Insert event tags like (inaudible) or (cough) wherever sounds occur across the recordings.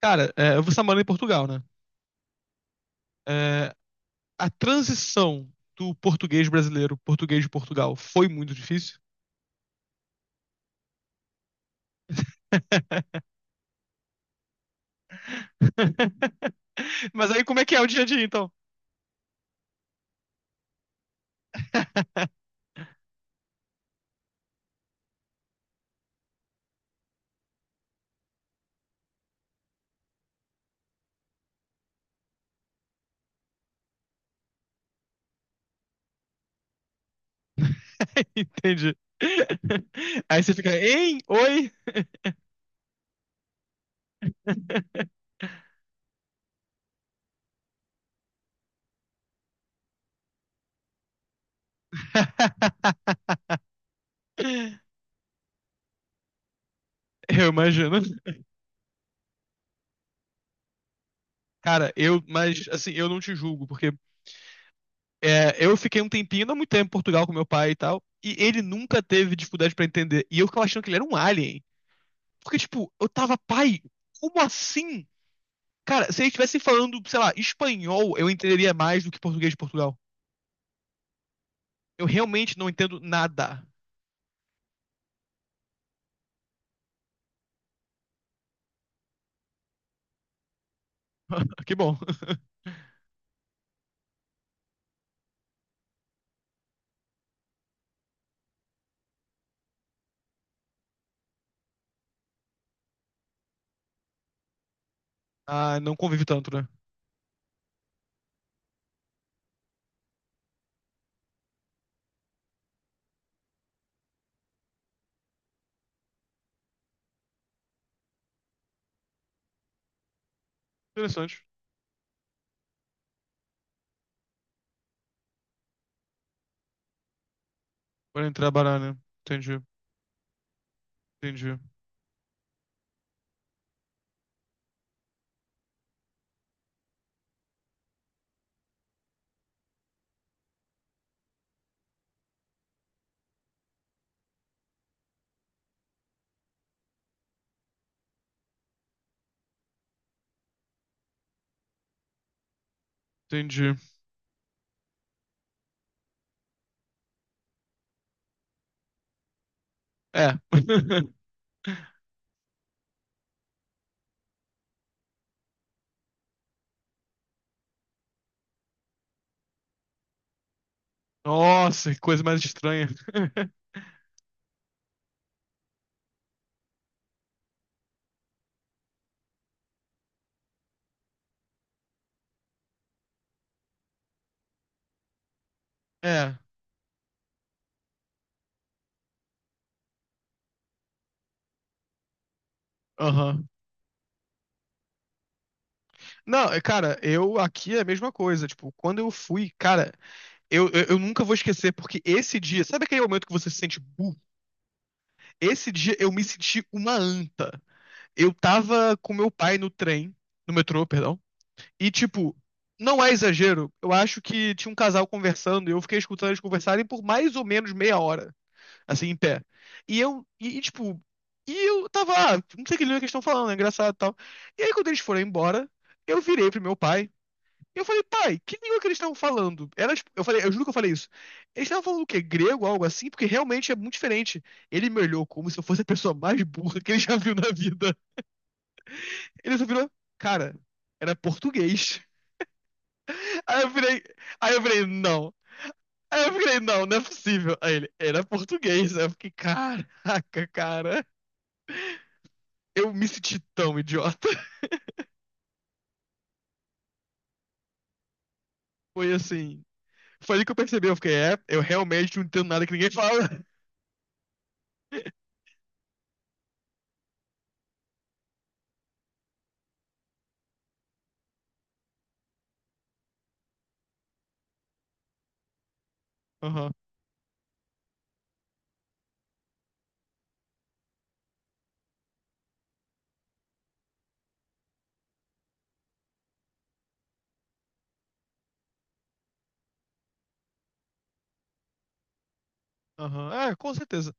Cara, eu você morando em Portugal, né? É, a transição do português brasileiro, português de Portugal, foi muito difícil. (laughs) Mas aí como é que é o dia a dia, então? (laughs) Entendi. Aí você fica, hein? Oi? (laughs) Eu imagino. Cara, mas assim, eu não te julgo, porque eu fiquei um tempinho, não muito tempo em Portugal com meu pai e tal, e ele nunca teve dificuldade pra entender. E eu ficava achando que ele era um alien. Porque, tipo, eu tava, pai, como assim? Cara, se eles estivessem falando, sei lá, espanhol, eu entenderia mais do que português de Portugal. Eu realmente não entendo nada. (laughs) Que bom. (laughs) Ah, não convive tanto, né? Interessante. Podem trabalhar, né? Entendi, entendi, entendi. É. (laughs) Nossa, que coisa mais estranha. (laughs) É. Aham. Não, é, cara, eu aqui é a mesma coisa. Tipo, quando eu fui, cara, eu nunca vou esquecer, porque esse dia, sabe aquele momento que você se sente burro? Esse dia eu me senti uma anta. Eu tava com meu pai no trem, no metrô, perdão, e tipo, não é exagero, eu acho que tinha um casal conversando e eu fiquei escutando eles conversarem por mais ou menos meia hora, assim, em pé. E eu, e, tipo, E eu tava, ah, não sei o que eles estão falando, é engraçado e tal. E aí quando eles foram embora, eu virei pro meu pai eu falei, pai, que língua que eles estavam falando? Era, eu falei, eu juro que eu falei isso. Eles estavam falando o quê? Grego, algo assim? Porque realmente é muito diferente. Ele me olhou como se eu fosse a pessoa mais burra que ele já viu na vida. Ele só virou, cara, era português. (laughs) Aí eu virei, aí eu virei, não. Aí eu virei, não, não é possível. Aí ele, era português. Aí eu fiquei, caraca, cara. Eu me senti tão idiota. (laughs) Foi assim, foi ali que eu percebi, eu fiquei, é, eu realmente não entendo nada que ninguém fala. (laughs) Aham, aham, é, com certeza.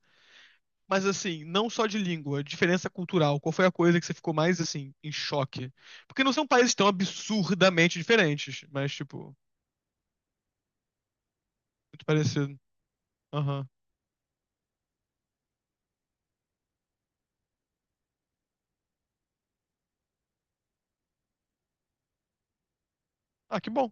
Mas assim, não só de língua, diferença cultural. Qual foi a coisa que você ficou mais assim em choque? Porque não são países tão absurdamente diferentes, mas tipo, muito parecido. Aham. Ah, que bom.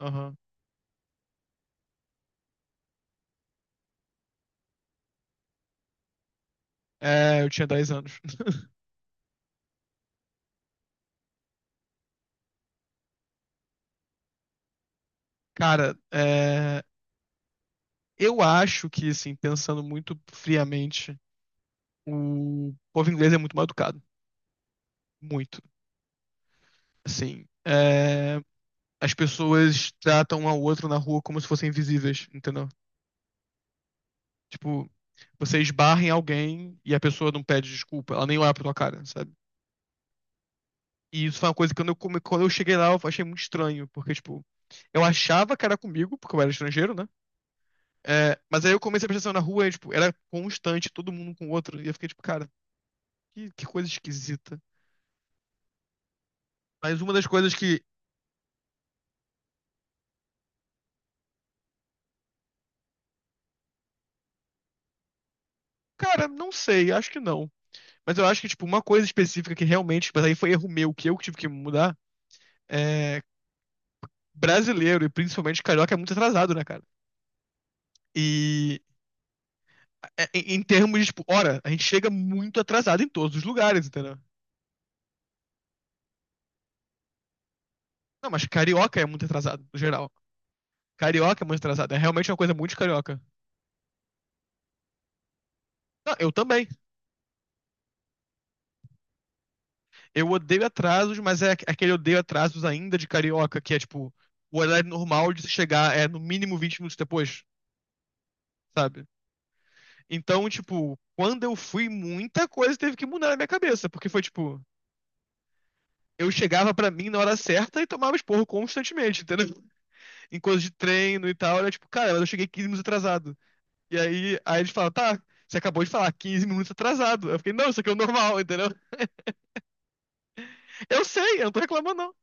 Aham. É, eu tinha 10 anos. (laughs) Cara, eu acho que assim, pensando muito friamente, o povo inglês é muito mal educado, muito. Assim, é, as pessoas tratam um ao outro na rua como se fossem invisíveis, entendeu? Tipo, você esbarra em alguém e a pessoa não pede desculpa, ela nem olha pra tua cara, sabe? E isso foi uma coisa que quando eu, quando eu cheguei lá eu achei muito estranho, porque, tipo, eu achava que era comigo, porque eu era estrangeiro, né? É, mas aí eu comecei a prestar atenção na rua e, tipo, era constante, todo mundo um com o outro, e eu fiquei, tipo, cara, que coisa esquisita. Mas uma das coisas que, cara, não sei, acho que não. Mas eu acho que, tipo, uma coisa específica que realmente, mas aí foi erro meu, que eu que tive que mudar, é brasileiro, e principalmente carioca, é muito atrasado, né, cara? E é, em termos de, tipo, hora, a gente chega muito atrasado em todos os lugares, entendeu? Não, mas carioca é muito atrasado, no geral. Carioca é muito atrasado, é realmente uma coisa muito de carioca. Não, eu também. Eu odeio atrasos, mas é é aquele odeio atrasos ainda de carioca, que é tipo, o horário normal de se chegar é no mínimo 20 minutos depois, sabe? Então, tipo, quando eu fui, muita coisa teve que mudar na minha cabeça, porque foi tipo, eu chegava pra mim na hora certa e tomava esporro constantemente, entendeu? Em coisas de treino e tal, era tipo, cara, mas eu cheguei 15 minutos atrasado. E aí, aí eles falam, tá, você acabou de falar 15 minutos atrasado. Eu fiquei, não, isso aqui é o normal, entendeu? Eu sei, eu não tô reclamando, não.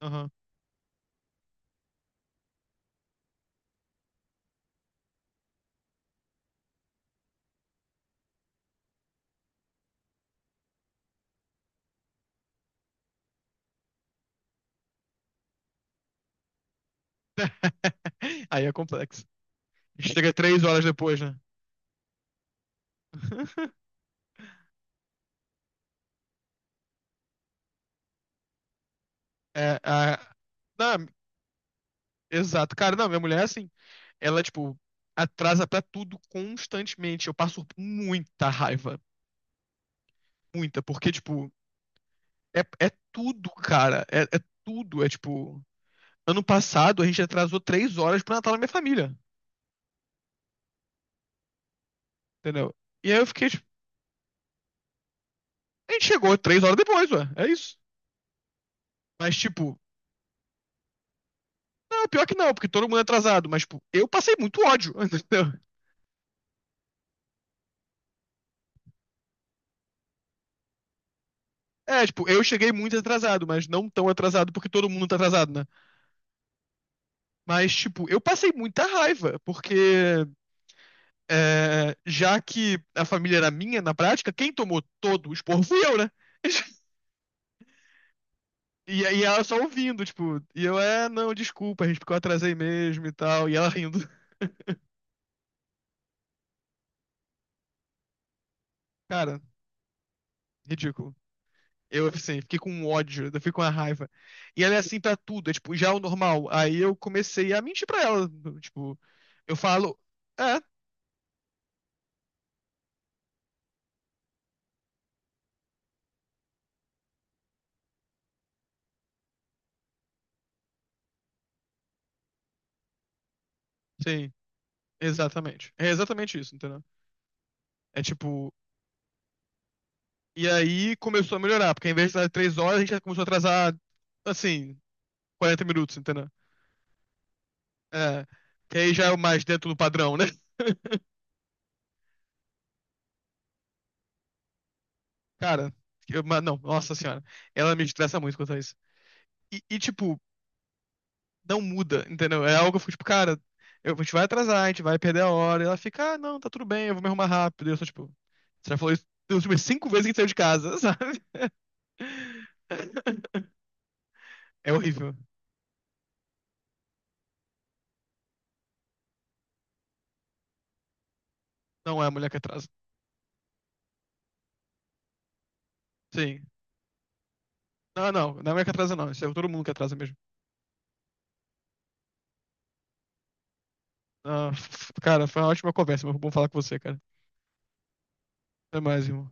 Aham. (laughs) Aí é complexo. Chega 3 horas depois, né? (laughs) É, a... Não, exato. Cara, não, minha mulher é assim. Ela, tipo, atrasa pra tudo constantemente. Eu passo muita raiva. Muita, porque, tipo, é tudo, cara. É, é tudo. É, tipo, ano passado a gente atrasou 3 horas pro Natal da minha família, entendeu? E aí eu fiquei, tipo, a gente chegou 3 horas depois, ué. É isso. Mas, tipo, não, pior que não, porque todo mundo é atrasado. Mas, tipo, eu passei muito ódio, (laughs) entendeu? É, tipo, eu cheguei muito atrasado, mas não tão atrasado porque todo mundo tá atrasado, né? Mas, tipo, eu passei muita raiva, porque é, já que a família era minha, na prática, quem tomou todo o esporro fui eu, né? (laughs) E ela só ouvindo, tipo, é, não, desculpa, gente, porque eu atrasei mesmo e tal, e ela rindo. Cara, ridículo. Eu, assim, fiquei com um ódio, eu fiquei com uma raiva. E ela é assim pra tudo, é tipo, já é o normal. Aí eu comecei a mentir pra ela. Tipo, eu falo, é, sim, exatamente. É exatamente isso, entendeu? É tipo, e aí começou a melhorar, porque em vez de atrasar 3 horas, a gente já começou a atrasar, assim, 40 minutos, entendeu? É, que aí já é o mais dentro do padrão, né? (laughs) Cara, mas não, nossa senhora, ela me estressa muito quanto a isso. E, tipo, não muda, entendeu? É algo que eu fico tipo, cara, eu, a gente vai atrasar, a gente vai perder a hora. E ela fica, ah, não, tá tudo bem, eu vou me arrumar rápido. E eu sou tipo, você já falou isso das últimas 5 vezes que a gente saiu de casa, (laughs) sabe? É horrível. Não é a mulher que atrasa. Sim. Não, não, não é a mulher que atrasa, não. Isso é todo mundo que atrasa mesmo. Ah, (laughs) cara, foi uma ótima conversa, mas foi bom falar com você, cara. Até mais, irmão.